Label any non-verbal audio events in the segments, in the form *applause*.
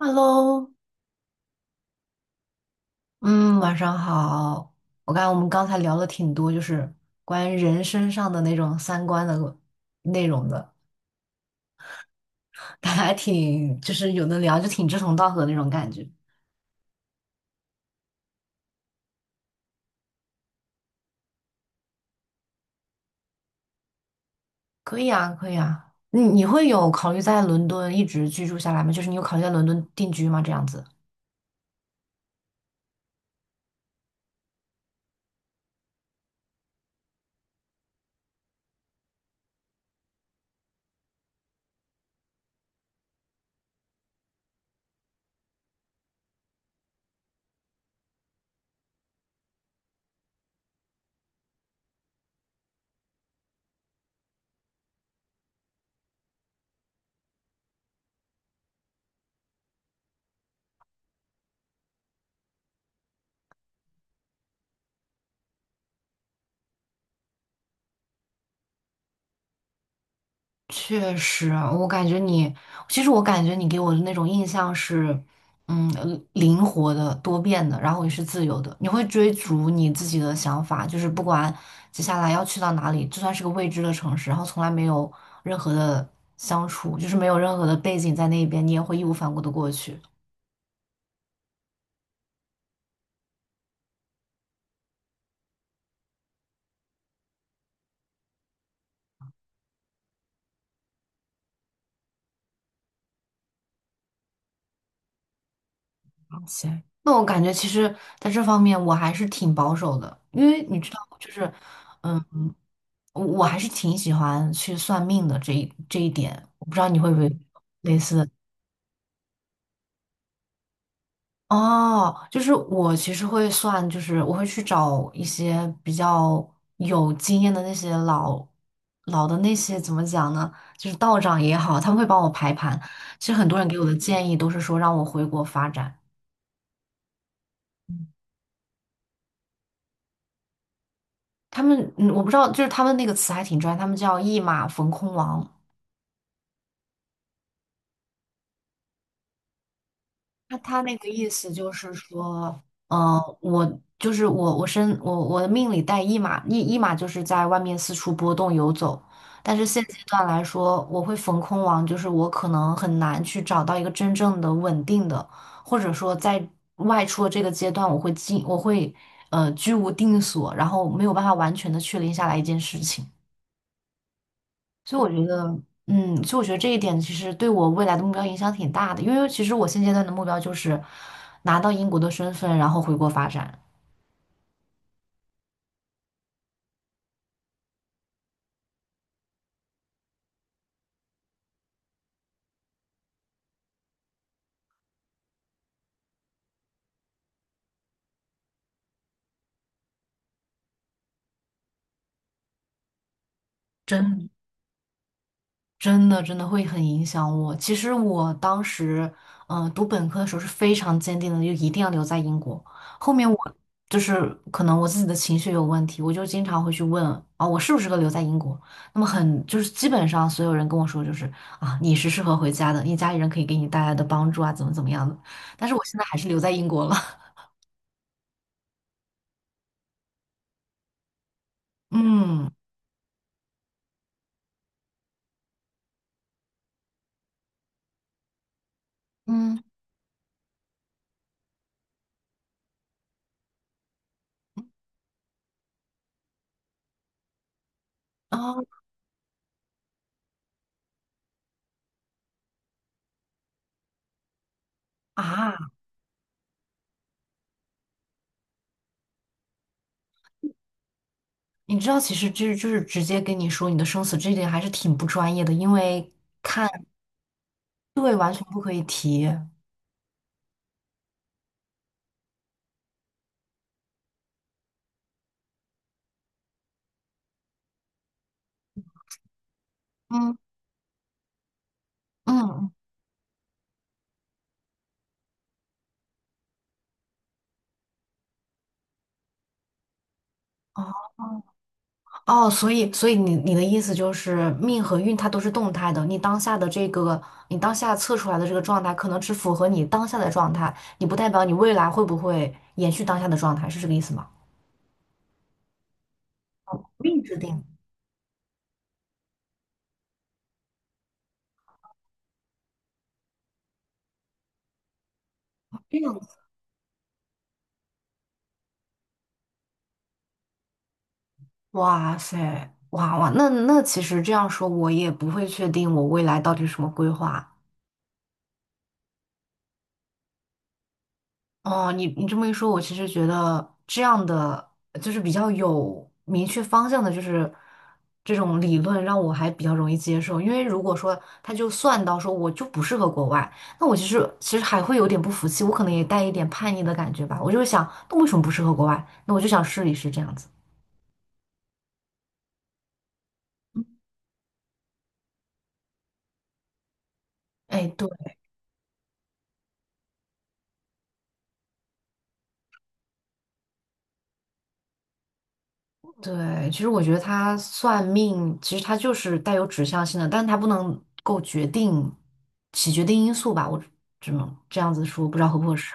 Hello,嗯，晚上好。我看我们刚才聊了挺多，关于人身上的那种三观的内容的，大家还挺就是有的聊，就挺志同道合的那种感觉。可以啊，可以啊。你会有考虑在伦敦一直居住下来吗？就是你有考虑在伦敦定居吗？这样子。确实啊，我感觉你，其实我感觉你给我的那种印象是，嗯，灵活的、多变的，然后也是自由的。你会追逐你自己的想法，就是不管接下来要去到哪里，就算是个未知的城市，然后从来没有任何的相处，就是没有任何的背景在那边，你也会义无反顾的过去。行，那我感觉其实在这方面我还是挺保守的，因为你知道，嗯，我还是挺喜欢去算命的这一点，我不知道你会不会类似的。哦，就是我其实会算，就是我会去找一些比较有经验的那些老的那些怎么讲呢？就是道长也好，他们会帮我排盘。其实很多人给我的建议都是说让我回国发展。他们，嗯，我不知道，就是他们那个词还挺专业，他们叫"一马逢空王"。他那个意思就是说，我就是我，我身我我的命里带一马，一马就是在外面四处波动游走。但是现阶段来说，我会逢空王，就是我可能很难去找到一个真正的稳定的，或者说在外出的这个阶段，我会居无定所，然后没有办法完全的确定下来一件事情。所以我觉得，这一点其实对我未来的目标影响挺大的，因为其实我现阶段的目标就是拿到英国的身份，然后回国发展。真。真的真的会很影响我。其实我当时，读本科的时候是非常坚定的，就一定要留在英国。后面我可能我自己的情绪有问题，我就经常会去问啊，我适不适合留在英国？那么很就是基本上所有人跟我说就是啊，你是适合回家的，你家里人可以给你带来的帮助啊，怎么怎么样的。但是我现在还是留在英国了。*laughs* 嗯。嗯。哦。啊，你知道，其实直接跟你说你的生死，这一点还是挺不专业的，因为。对，完全不可以提。嗯。嗯。哦。哦，所以你的意思就是命和运它都是动态的，你当下的这个你当下测出来的这个状态，可能只符合你当下的状态，你不代表你未来会不会延续当下的状态，是这个意思吗？命制定。这样子，哇塞，哇哇，那那其实这样说，我也不会确定我未来到底是什么规划。哦，你你这么一说，我其实觉得这样的就是比较有明确方向的，就是这种理论让我还比较容易接受。因为如果说他就算到说我就不适合国外，那我其实还会有点不服气，我可能也带一点叛逆的感觉吧。我就会想，那为什么不适合国外？那我就想试一试这样子。哎，对。对，其实我觉得他算命，其实他就是带有指向性的，但是他不能够决定起决定因素吧？我只能这样子说，不知道合不合适。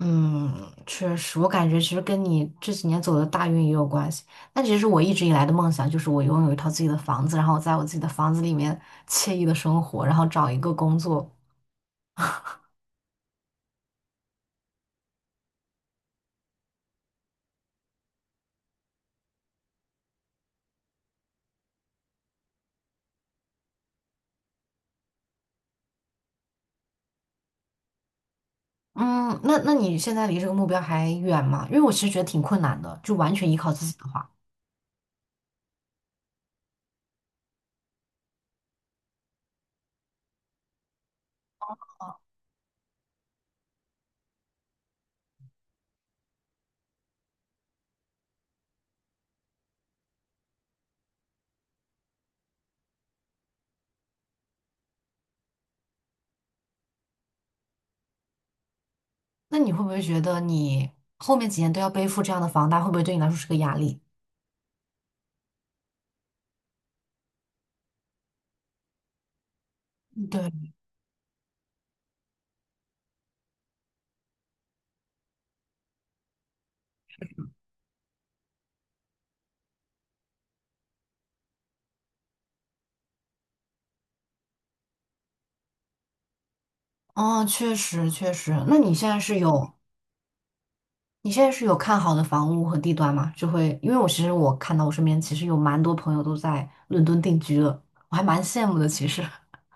嗯，确实，我感觉其实跟你这几年走的大运也有关系。但其实我一直以来的梦想就是我拥有一套自己的房子，然后我在我自己的房子里面惬意的生活，然后找一个工作。嗯，那那你现在离这个目标还远吗？因为我其实觉得挺困难的，就完全依靠自己的话，那你会不会觉得你后面几年都要背负这样的房贷，会不会对你来说是个压力？对，哦，确实确实。那你现在是有看好的房屋和地段吗？就会，因为我其实我看到我身边其实有蛮多朋友都在伦敦定居了，我还蛮羡慕的。其实 *laughs*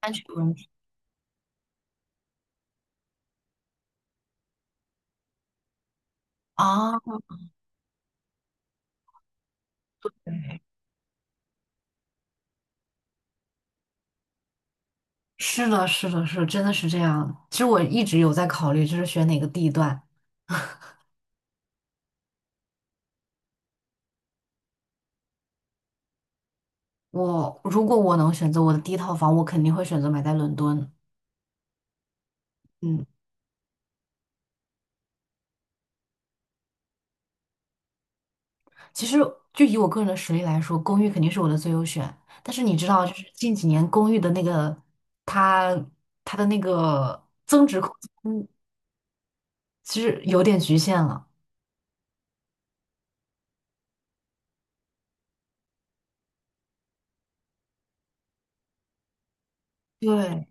安全问题 *laughs* 啊，是的，是的，真的是这样。其实我一直有在考虑，就是选哪个地段。我如果我能选择我的第一套房，我肯定会选择买在伦敦。嗯，其实就以我个人的实力来说，公寓肯定是我的最优选。但是你知道，就是近几年公寓的那个它它的那个增值空间。其实有点局限了。对，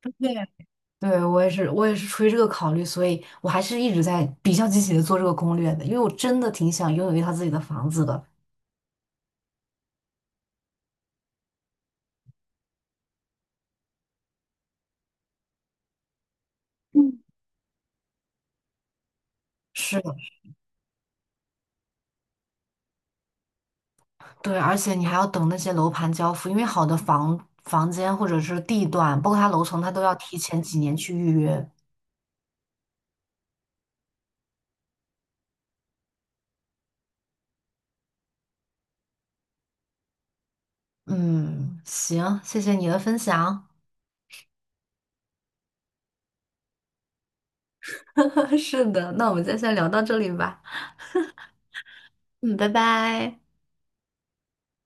对，对，我也是，出于这个考虑，所以我还是一直在比较积极的做这个攻略的，因为我真的挺想拥有一套自己的房子的。嗯，是的，对，而且你还要等那些楼盘交付，因为好的房间或者是地段，包括它楼层，它都要提前几年去预约。嗯，行，谢谢你的分享。*laughs* 是的，那我们今天先聊到这里吧。嗯，拜拜。